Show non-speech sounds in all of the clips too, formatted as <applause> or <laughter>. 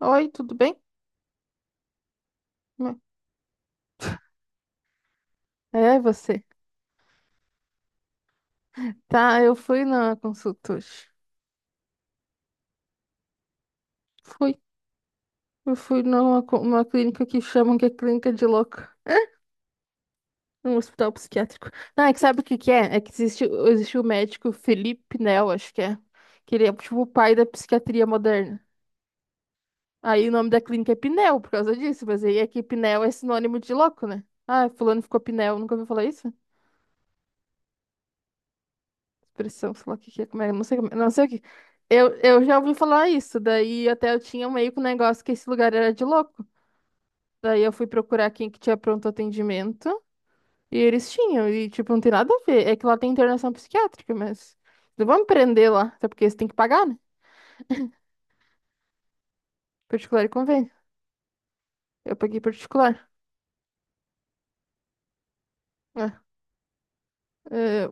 Oi, tudo bem? É, você. Tá, eu fui na consulta hoje. Fui. Eu fui numa uma clínica que chamam que é clínica de louco. <laughs> Um hospital psiquiátrico. Não, é que sabe o que que é? É que existe o médico Felipe Pinel, acho que é. Que ele é tipo o pai da psiquiatria moderna. Aí o nome da clínica é Pinel, por causa disso. Mas aí é que Pinel é sinônimo de louco, né? Ah, fulano ficou Pinel. Nunca ouviu falar isso? Pressão, sei lá o que que é, como é, não sei, não sei o que. Eu já ouvi falar isso, daí até eu tinha meio que um negócio que esse lugar era de louco. Daí eu fui procurar quem que tinha pronto atendimento e eles tinham, e tipo, não tem nada a ver. É que lá tem internação psiquiátrica, mas não vão me prender lá, até porque eles têm que pagar, né? Particular e convênio. Eu paguei particular. É, é,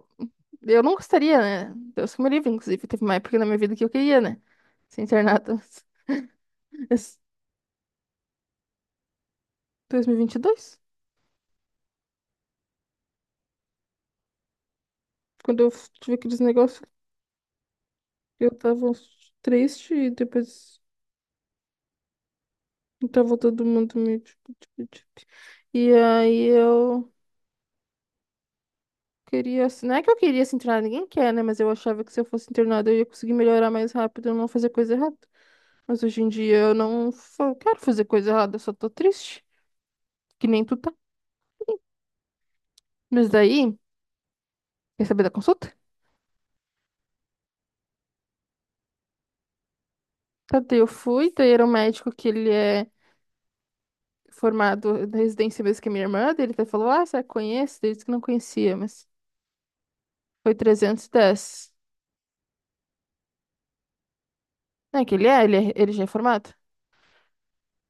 eu não gostaria, né? Deus que me livre, inclusive, teve uma época na minha vida que eu queria, né? Ser internada. <laughs> Esse 2022, quando eu tive aqueles negócios. Eu tava triste e depois tava todo mundo meio tipo, tipo. E aí eu queria, assim, não é que eu queria se internar, ninguém quer, né? Mas eu achava que se eu fosse internada eu ia conseguir melhorar mais rápido, eu não fazer coisa errada. Mas hoje em dia eu não quero fazer coisa errada, eu só tô triste, que nem tu tá. Mas daí, quer saber da consulta? Tá, daí eu fui, daí era um médico que ele é formado da residência mesmo que a minha irmã, daí ele até falou, ah, você conhece? Daí ele disse que não conhecia, mas foi 310. É que ele é, ele já é formado.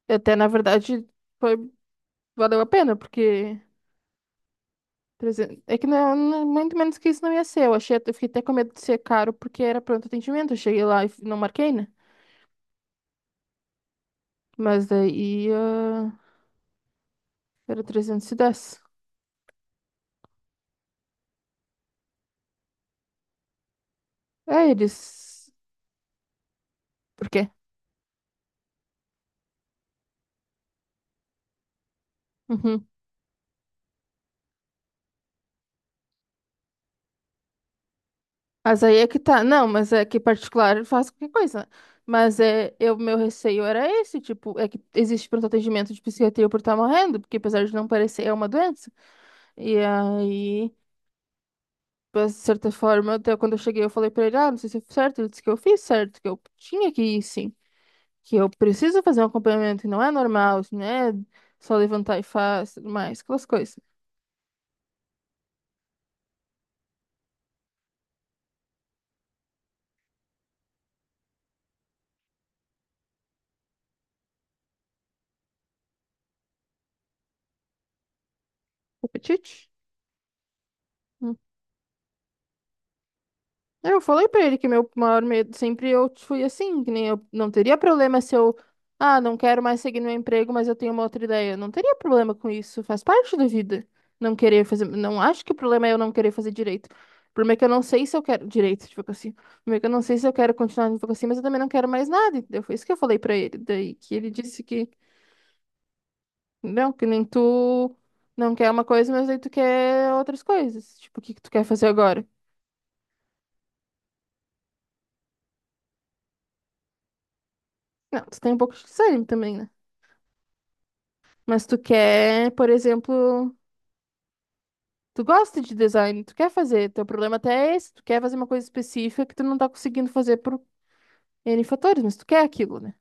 Até, na verdade, foi, valeu a pena, porque 300. É que muito menos que isso não ia ser. Eu achei, eu fiquei até com medo de ser caro, porque era pronto atendimento. Eu cheguei lá e não marquei, né? Mas daí, ah, era 310. É, eles... Por quê? Uhum. Mas aí é que tá. Não, mas é que particular faz qualquer coisa. Mas é, eu, meu receio era esse, tipo, é que existe pronto atendimento de psiquiatria por estar morrendo, porque apesar de não parecer, é uma doença. E aí... Mas, de certa forma, até quando eu cheguei, eu falei pra ele, ah, não sei se eu fiz certo. Ele disse que eu fiz certo, que eu tinha que ir, sim. Que eu preciso fazer um acompanhamento, que não é normal, isso não é só levantar e faz, tudo mais, aquelas coisas. Apetite? Eu falei pra ele que meu maior medo sempre eu fui assim, que nem eu não teria problema se ah, não quero mais seguir meu emprego, mas eu tenho uma outra ideia. Não teria problema com isso, faz parte da vida. Não querer fazer, não acho que o problema é eu não querer fazer direito. O problema é que eu não sei se eu quero direito de advocacia. O problema é que eu não sei se eu quero continuar na advocacia, mas eu também não quero mais nada, entendeu? Foi isso que eu falei pra ele, daí que ele disse que não, que nem tu não quer uma coisa, mas aí tu quer outras coisas. Tipo, o que que tu quer fazer agora? Não, tu tem um pouco de desânimo também, né? Mas tu quer, por exemplo, tu gosta de design, tu quer fazer, teu problema até é esse, tu quer fazer uma coisa específica que tu não tá conseguindo fazer por N fatores, mas tu quer aquilo, né?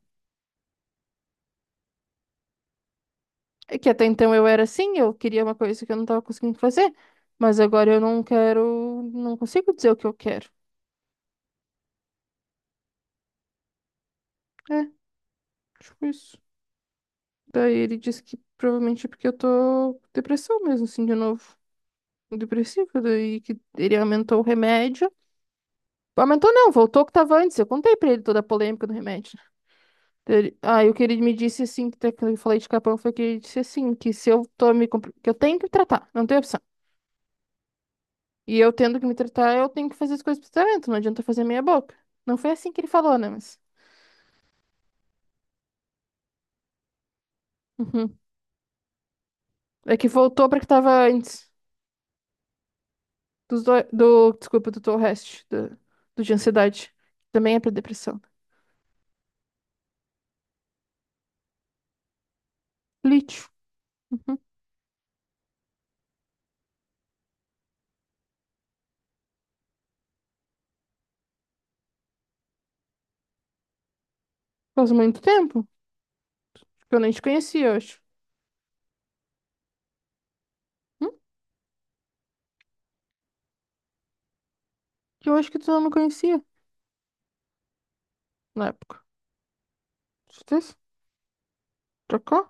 É que até então eu era assim, eu queria uma coisa que eu não tava conseguindo fazer, mas agora eu não quero, não consigo dizer o que eu quero. É, tipo isso. Daí ele disse que provavelmente é porque eu tô com depressão mesmo, assim, de novo. Depressiva, daí que ele aumentou o remédio. Aumentou não, voltou o que tava antes. Eu contei pra ele toda a polêmica do remédio. Aí o que ele me disse assim, que até que eu falei de capão, foi que ele disse assim, que se eu que eu tenho que me tratar, não tem opção. E eu tendo que me tratar, eu tenho que fazer as coisas pro tratamento, não adianta eu fazer meia boca. Não foi assim que ele falou, né? Mas. Uhum. É que voltou pra que tava antes do desculpa, do de ansiedade. Também é pra depressão. Lítio. Uhum. Faz muito tempo que eu nem te conhecia, eu acho. Hum? Que eu acho que tu não me conhecia na época. Certeza? Trocou?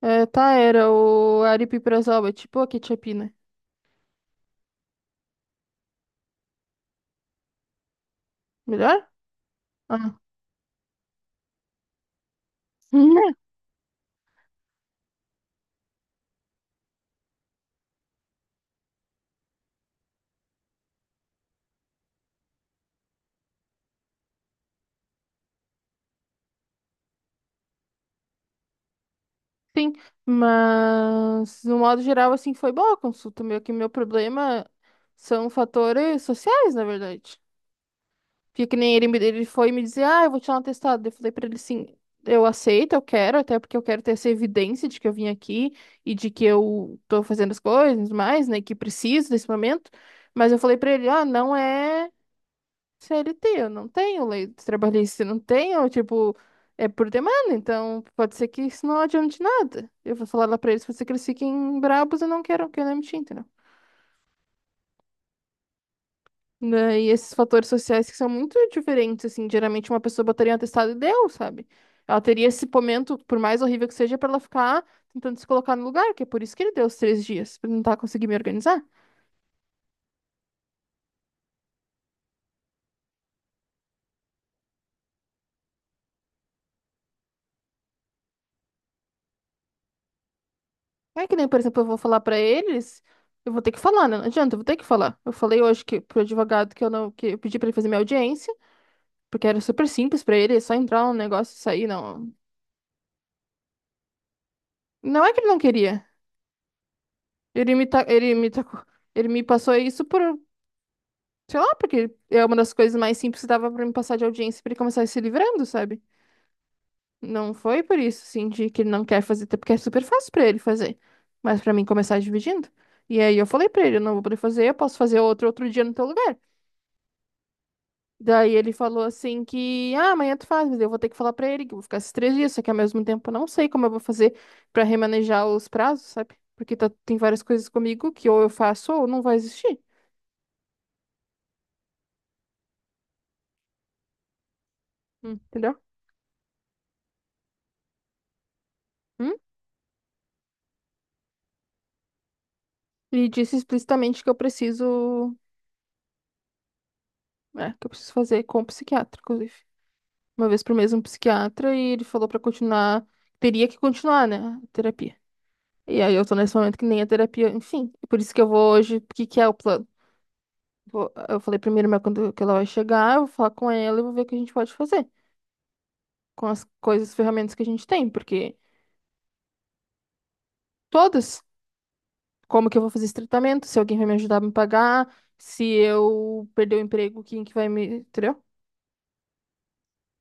É, tá, era o aripiprazol, é tipo a quetiapina. Melhor? Ah. <laughs> Né? Sim, mas no modo geral, assim, foi boa a consulta. Meu, que meu problema são fatores sociais, na verdade. Porque que nem ele foi me dizer, ah, eu vou tirar um atestado. Eu falei pra ele, sim, eu aceito, eu quero, até porque eu quero ter essa evidência de que eu vim aqui e de que eu tô fazendo as coisas mais, né, que preciso desse momento. Mas eu falei pra ele, ah, não é. CLT, eu não tenho lei trabalhista, eu não tenho, tipo, é por demanda, então pode ser que isso não adiante nada. Eu vou falar lá pra eles, pode ser que eles fiquem brabos e não queiram que eu demiti, entendeu? Né, e esses fatores sociais que são muito diferentes, assim, geralmente uma pessoa botaria um atestado e deu, sabe? Ela teria esse momento, por mais horrível que seja, pra ela ficar tentando se colocar no lugar, que é por isso que ele deu os 3 dias, pra tentar conseguir me organizar. É que nem, por exemplo, eu vou falar pra eles, eu vou ter que falar, né? Não adianta, eu vou ter que falar. Eu falei hoje que pro advogado que eu não, que eu pedi pra ele fazer minha audiência, porque era super simples pra ele, é só entrar no negócio e sair, não. Não é que ele não queria. Ele me tacou, ele me passou isso por, sei lá, porque é uma das coisas mais simples que dava pra me passar de audiência pra ele começar a se livrando, sabe? Não foi por isso, assim, de que ele não quer fazer, até porque é super fácil pra ele fazer, mas pra mim começar dividindo. E aí eu falei pra ele, eu não vou poder fazer, eu posso fazer outro dia no teu lugar. Daí ele falou assim que, ah, amanhã tu faz, mas eu vou ter que falar pra ele que eu vou ficar esses 3 dias, só que ao mesmo tempo eu não sei como eu vou fazer pra remanejar os prazos, sabe? Porque tá, tem várias coisas comigo que ou eu faço ou não vai existir. Hum, entendeu? Hum? E disse explicitamente que eu preciso, é, que eu preciso fazer com o psiquiatra, inclusive. Uma vez por mês um psiquiatra e ele falou pra continuar, teria que continuar, né, a terapia. E aí eu tô nesse momento que nem a terapia, enfim, por isso que eu vou hoje, porque que é o plano? Eu falei primeiro, mas quando que ela vai chegar, eu vou falar com ela e vou ver o que a gente pode fazer com as coisas, ferramentas que a gente tem, porque todas, como que eu vou fazer esse tratamento, se alguém vai me ajudar a me pagar, se eu perder o emprego, quem que vai me, entendeu?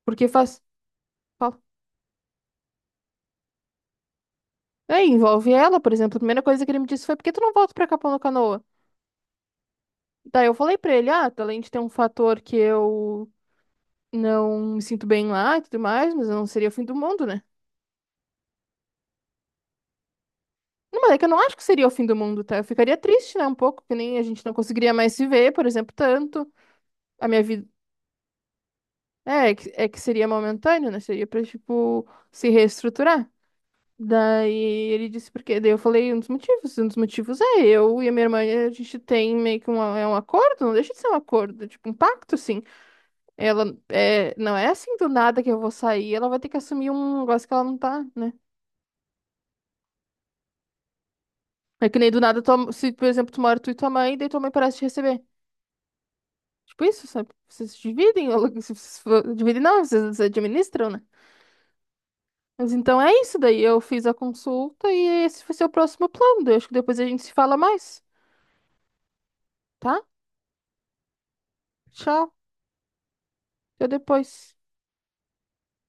Porque faz, fala. Aí envolve ela, por exemplo, a primeira coisa que ele me disse foi, por que tu não volta pra Capão da Canoa? Daí eu falei pra ele, ah, tá, além de ter um fator que eu não me sinto bem lá e tudo mais, mas não seria o fim do mundo, né? Não, mas é que eu não acho que seria o fim do mundo, tá? Eu ficaria triste, né? Um pouco, que nem a gente não conseguiria mais se ver, por exemplo, tanto. A minha vida. É, é que seria momentâneo, né? Seria pra, tipo, se reestruturar. Daí ele disse por quê? Daí eu falei um dos motivos. Um dos motivos é eu e a minha irmã, a gente tem meio que uma, é um acordo, não deixa de ser um acordo, é tipo um pacto, assim. Ela é, não é assim do nada que eu vou sair, ela vai ter que assumir um negócio que ela não tá, né? É que nem do nada, se, por exemplo, tu mora tu e tua mãe, daí tua mãe parece te receber. Tipo isso, sabe? Vocês dividem, ou vocês dividem não, vocês administram, né? Mas então é isso daí. Eu fiz a consulta e esse vai ser o próximo plano. Daí eu acho que depois a gente se fala mais, tá? Tchau. Até depois.